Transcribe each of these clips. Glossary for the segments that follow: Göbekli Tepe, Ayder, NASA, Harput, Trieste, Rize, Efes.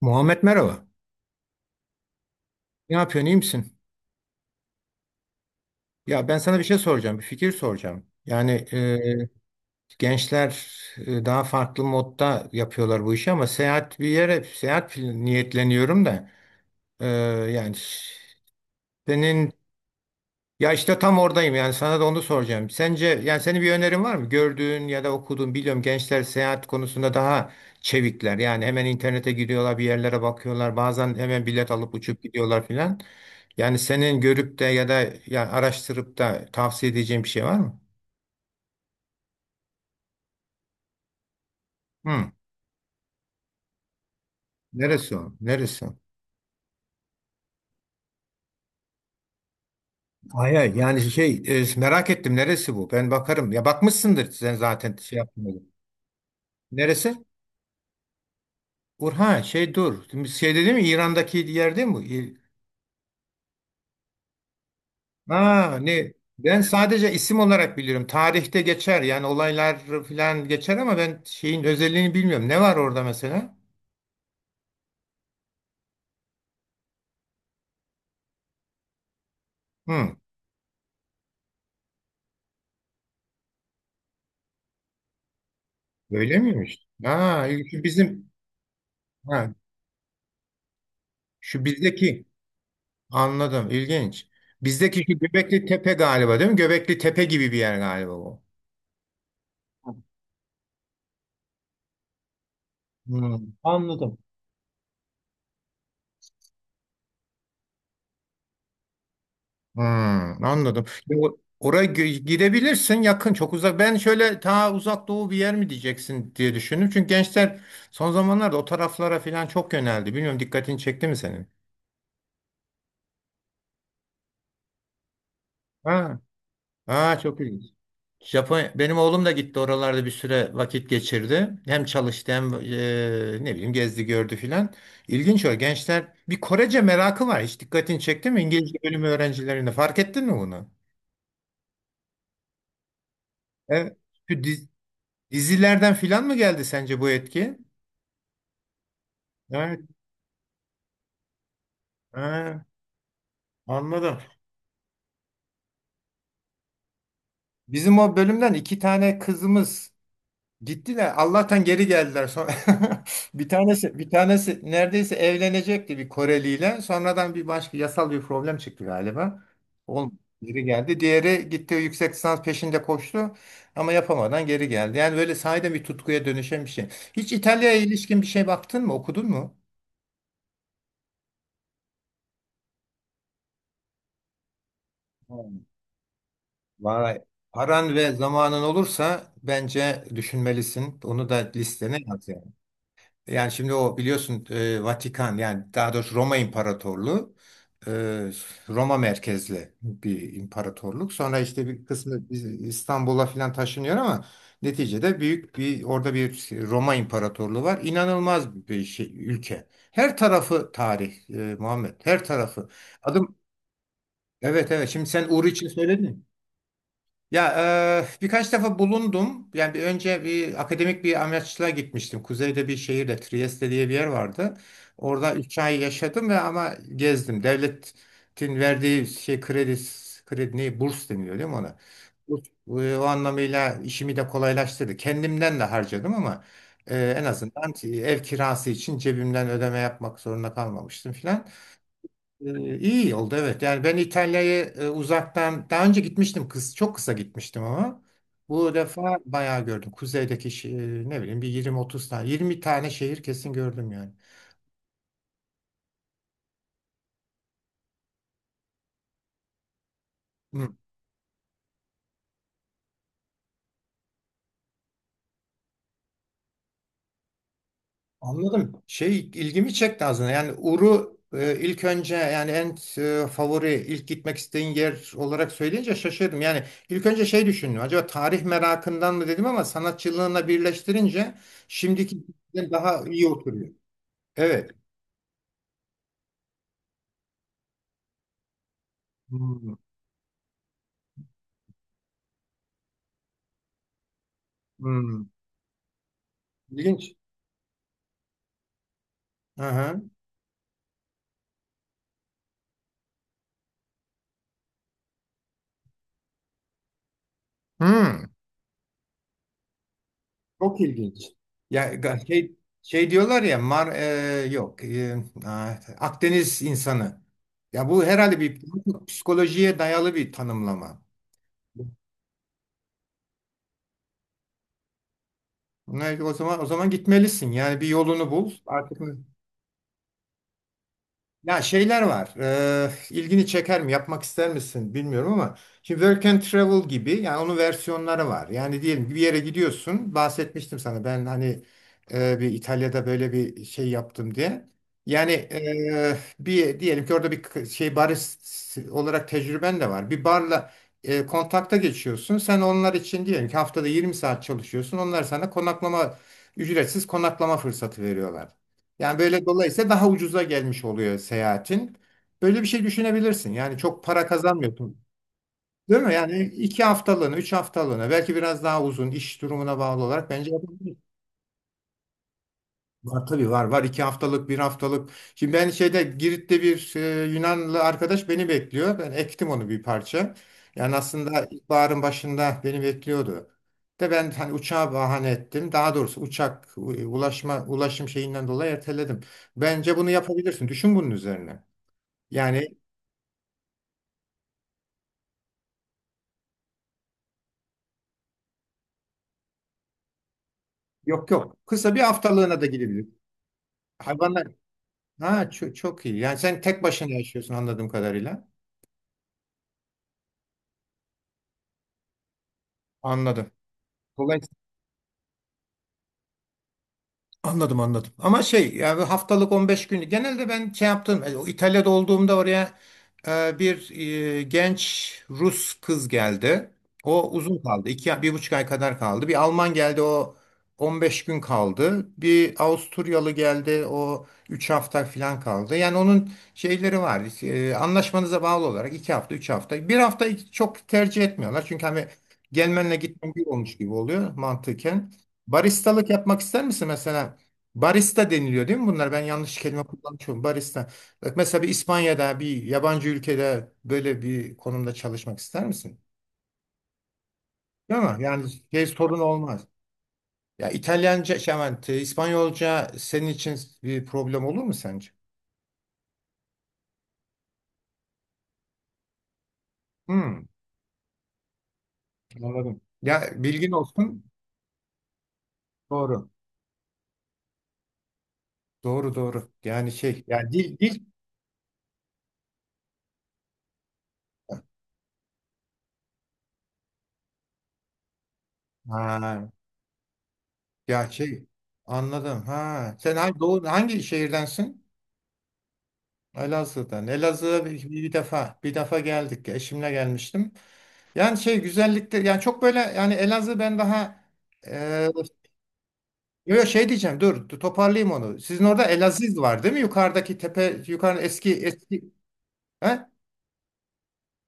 Muhammed, merhaba. Ne yapıyorsun, iyi misin? Ya ben sana bir şey soracağım, bir fikir soracağım. Yani gençler daha farklı modda yapıyorlar bu işi ama seyahat bir yere, seyahat niyetleniyorum da e, yani senin. Ya işte tam oradayım yani sana da onu soracağım. Sence yani senin bir önerin var mı? Gördüğün ya da okuduğun biliyorum, gençler seyahat konusunda daha çevikler. Yani hemen internete gidiyorlar, bir yerlere bakıyorlar. Bazen hemen bilet alıp uçup gidiyorlar filan. Yani senin görüp de ya da ya araştırıp da tavsiye edeceğin bir şey var mı? Hı. Neresi o? Neresi? Hayır, hayır. Yani şey, merak ettim, neresi bu? Ben bakarım. Ya bakmışsındır sen zaten, şey yapmıyordun. Neresi? Urha, şey, dur. Şimdi şey dedi mi, İran'daki yer değil mi? Ha, ne? Ben sadece isim olarak biliyorum. Tarihte geçer, yani olaylar filan geçer ama ben şeyin özelliğini bilmiyorum. Ne var orada mesela? Hı, öyle miymiş? Ha, şu bizim, ha, şu bizdeki, anladım, ilginç. Bizdeki şu Göbekli Tepe galiba, değil mi? Göbekli Tepe gibi bir yer galiba o. Hı, anladım. Hmm, anladım. Ya, oraya gidebilirsin, yakın, çok uzak. Ben şöyle ta uzak doğu bir yer mi diyeceksin diye düşündüm. Çünkü gençler son zamanlarda o taraflara falan çok yöneldi. Bilmiyorum, dikkatini çekti mi senin? Ha, ha, çok ilginç. Japonya, benim oğlum da gitti, oralarda bir süre vakit geçirdi. Hem çalıştı, hem ne bileyim, gezdi gördü filan. İlginç o gençler. Bir Korece merakı var. Hiç dikkatini çekti mi? İngilizce bölümü öğrencilerinde fark ettin mi bunu? Evet. Dizilerden filan mı geldi sence bu etki? Evet, ha, anladım. Bizim o bölümden iki tane kızımız gittiler. Allah'tan geri geldiler. Sonra bir tanesi neredeyse evlenecekti bir Koreliyle. Sonradan bir başka yasal bir problem çıktı galiba. Olmadı. Geri geldi. Diğeri gitti, yüksek lisans peşinde koştu ama yapamadan geri geldi. Yani böyle sahiden bir tutkuya dönüşen bir şey. Hiç İtalya'ya ilişkin bir şey baktın mı, okudun mu? Vay. Paran ve zamanın olursa bence düşünmelisin. Onu da listene yaz yani. Yani şimdi o biliyorsun, Vatikan, yani daha doğrusu Roma İmparatorluğu, e, Roma merkezli bir imparatorluk. Sonra işte bir kısmı İstanbul'a falan taşınıyor ama neticede büyük bir, orada bir Roma İmparatorluğu var. İnanılmaz bir şey ülke. Her tarafı tarih, Muhammed. Her tarafı. Adım, evet evet. Şimdi sen Uğur için söyledin. Ya birkaç defa bulundum. Yani bir önce bir akademik bir amaçla gitmiştim. Kuzeyde bir şehirde Trieste diye bir yer vardı. Orada 3 ay yaşadım ve ama gezdim. Devletin verdiği şey, kredi, kredi ne, burs deniliyor değil mi ona? O anlamıyla işimi de kolaylaştırdı. Kendimden de harcadım ama en azından ev kirası için cebimden ödeme yapmak zorunda kalmamıştım filan. İyi oldu, evet. Yani ben İtalya'ya uzaktan daha önce gitmiştim kız, çok kısa gitmiştim ama bu defa bayağı gördüm. Kuzeydeki ne bileyim bir 20-30 tane, 20 tane şehir kesin gördüm yani. Hı, anladım. Şey ilgimi çekti aslında. Yani Uru, ilk önce yani en favori, ilk gitmek istediğin yer olarak söyleyince şaşırdım. Yani ilk önce şey düşündüm. Acaba tarih merakından mı dedim ama sanatçılığına birleştirince şimdiki daha iyi oturuyor. Evet. Hmm, hmm. İlginç. Hı hı. Hmm. Çok ilginç. Ya şey diyorlar ya, Mar, yok, Akdeniz insanı. Ya bu herhalde bir psikolojiye dayalı bir tanımlama. Ne, o zaman gitmelisin. Yani bir yolunu bul. Artık. Ya şeyler var. İlgini çeker mi? Yapmak ister misin? Bilmiyorum ama şimdi Work and Travel gibi, yani onun versiyonları var. Yani diyelim ki bir yere gidiyorsun. Bahsetmiştim sana ben hani, bir İtalya'da böyle bir şey yaptım diye. Yani bir, diyelim ki orada bir şey barist olarak tecrüben de var. Bir barla kontakta geçiyorsun. Sen onlar için diyelim ki haftada 20 saat çalışıyorsun. Onlar sana ücretsiz konaklama fırsatı veriyorlar. Yani böyle, dolayısıyla daha ucuza gelmiş oluyor seyahatin. Böyle bir şey düşünebilirsin. Yani çok para kazanmıyorsun. Değil mi? Yani 2 haftalığına, 3 haftalığına, belki biraz daha uzun, iş durumuna bağlı olarak bence. Var tabii, var, 2 haftalık, bir haftalık. Şimdi ben şeyde, Girit'te bir Yunanlı arkadaş beni bekliyor. Ben ektim onu bir parça. Yani aslında ilkbaharın başında beni bekliyordu. De ben hani uçağa bahane ettim. Daha doğrusu uçak, ulaşım şeyinden dolayı erteledim. Bence bunu yapabilirsin. Düşün bunun üzerine. Yani, yok yok. Kısa, bir haftalığına da gidebilir. Hayvanlar. Ha, çok, çok iyi. Yani sen tek başına yaşıyorsun anladığım kadarıyla. Anladım. Anladım, anladım. Ama şey, yani haftalık, 15 günü. Genelde ben şey yaptım. O İtalya'da olduğumda oraya bir genç Rus kız geldi. O uzun kaldı. İki, 1,5 ay kadar kaldı. Bir Alman geldi, o 15 gün kaldı. Bir Avusturyalı geldi, o 3 hafta falan kaldı. Yani onun şeyleri var. Anlaşmanıza bağlı olarak, 2 hafta, 3 hafta. Bir hafta çok tercih etmiyorlar. Çünkü hani gelmenle gitmen bir olmuş gibi oluyor mantıken. Baristalık yapmak ister misin mesela? Barista deniliyor değil mi bunlar? Ben yanlış kelime kullanmışım. Barista. Bak mesela bir İspanya'da, bir yabancı ülkede böyle bir konumda çalışmak ister misin? Değil mi? Yani şey, sorun olmaz. Ya İtalyanca, şey aman, İspanyolca senin için bir problem olur mu sence? Hmm, anladım. Ya bilgin olsun. Doğru. Doğru, doğru. Yani şey, ya dil. Ha, ya şey. Anladım. Ha, sen hangi, hangi şehirdensin? Elazığ'dan. Elazığ'a bir defa geldik. Eşimle gelmiştim. Yani şey, güzellikler, yani çok böyle, yani Elazığ, ben daha e, yo, yo, şey diyeceğim, dur toparlayayım onu. Sizin orada Elaziz var değil mi? Yukarıdaki tepe, yukarı, eski eski, he?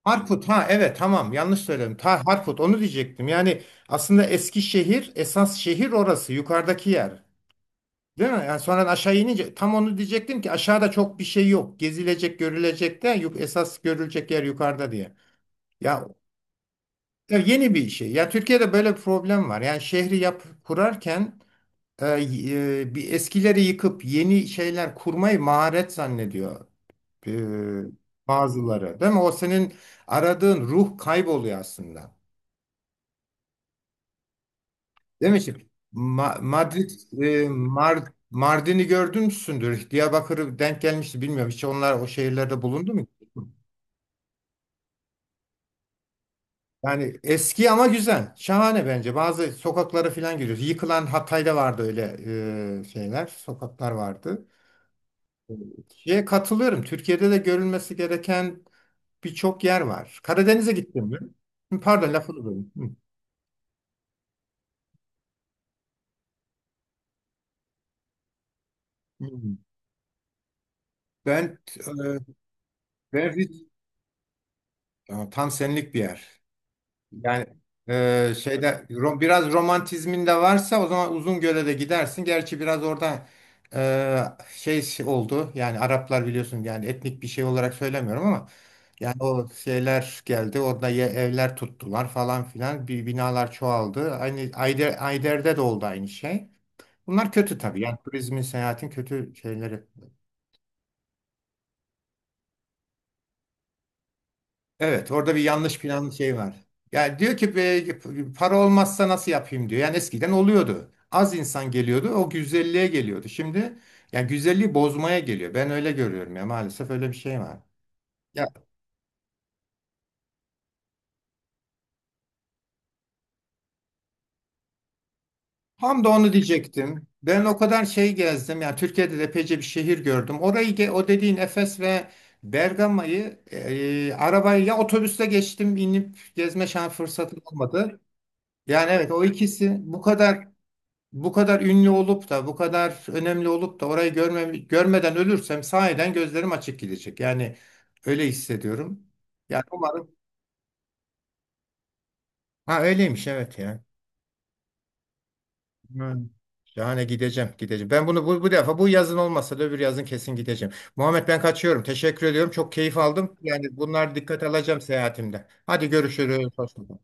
Harput, ha, evet, tamam, yanlış söyledim. Ta Harput, onu diyecektim. Yani aslında eski şehir, esas şehir orası, yukarıdaki yer. Değil mi? Yani sonra aşağı inince tam onu diyecektim ki aşağıda çok bir şey yok. Gezilecek, görülecek de, esas görülecek yer yukarıda diye. Ya, ya yeni bir şey. Ya Türkiye'de böyle bir problem var. Yani şehri yap kurarken e, bir eskileri yıkıp yeni şeyler kurmayı maharet zannediyor e, bazıları. Değil mi? O senin aradığın ruh kayboluyor aslında. Değil mi? Şimdi Madrid, e, Mar Mardin'i gördün müsündür? Diyarbakır'ı denk gelmişti, bilmiyorum. Hiç onlar o şehirlerde bulundu mu? Yani eski ama güzel. Şahane bence. Bazı sokaklara falan giriyoruz. Yıkılan Hatay'da vardı öyle şeyler. Sokaklar vardı. E, Şeye katılıyorum. Türkiye'de de görülmesi gereken birçok yer var. Karadeniz'e gittim mi? Hı, pardon, lafını böldüm. Hı, hı. Ben e, ben Riz- aa, tam senlik bir yer. Yani biraz romantizmin de varsa o zaman Uzungöl'e de gidersin. Gerçi biraz orada şey oldu. Yani Araplar, biliyorsun, yani etnik bir şey olarak söylemiyorum ama yani o şeyler geldi. Orada evler tuttular falan filan. Bir binalar çoğaldı. Aynı Ayder, Ayder'de de oldu aynı şey. Bunlar kötü tabii. Yani turizmin, seyahatin kötü şeyleri. Evet, orada bir yanlış plan şey var. Yani diyor ki, para olmazsa nasıl yapayım," diyor. Yani eskiden oluyordu. Az insan geliyordu, o güzelliğe geliyordu. Şimdi yani güzelliği bozmaya geliyor. Ben öyle görüyorum, ya maalesef öyle bir şey var. Ya tam da onu diyecektim. Ben o kadar şey gezdim. Yani Türkiye'de de epeyce bir şehir gördüm. Orayı o dediğin Efes ve Bergama'yı arabayla ya otobüste geçtim, inip gezme şans fırsatım olmadı. Yani evet, o ikisi bu kadar, ünlü olup da bu kadar önemli olup da orayı görme, görmeden ölürsem sahiden gözlerim açık gidecek. Yani öyle hissediyorum. Yani umarım. Ha, öyleymiş, evet ya. Evet. Şahane, gideceğim. Ben bunu bu defa, bu yazın olmasa da öbür yazın kesin gideceğim. Muhammed, ben kaçıyorum. Teşekkür ediyorum. Çok keyif aldım. Yani bunlar dikkat alacağım seyahatimde. Hadi görüşürüz. Hoşça kal.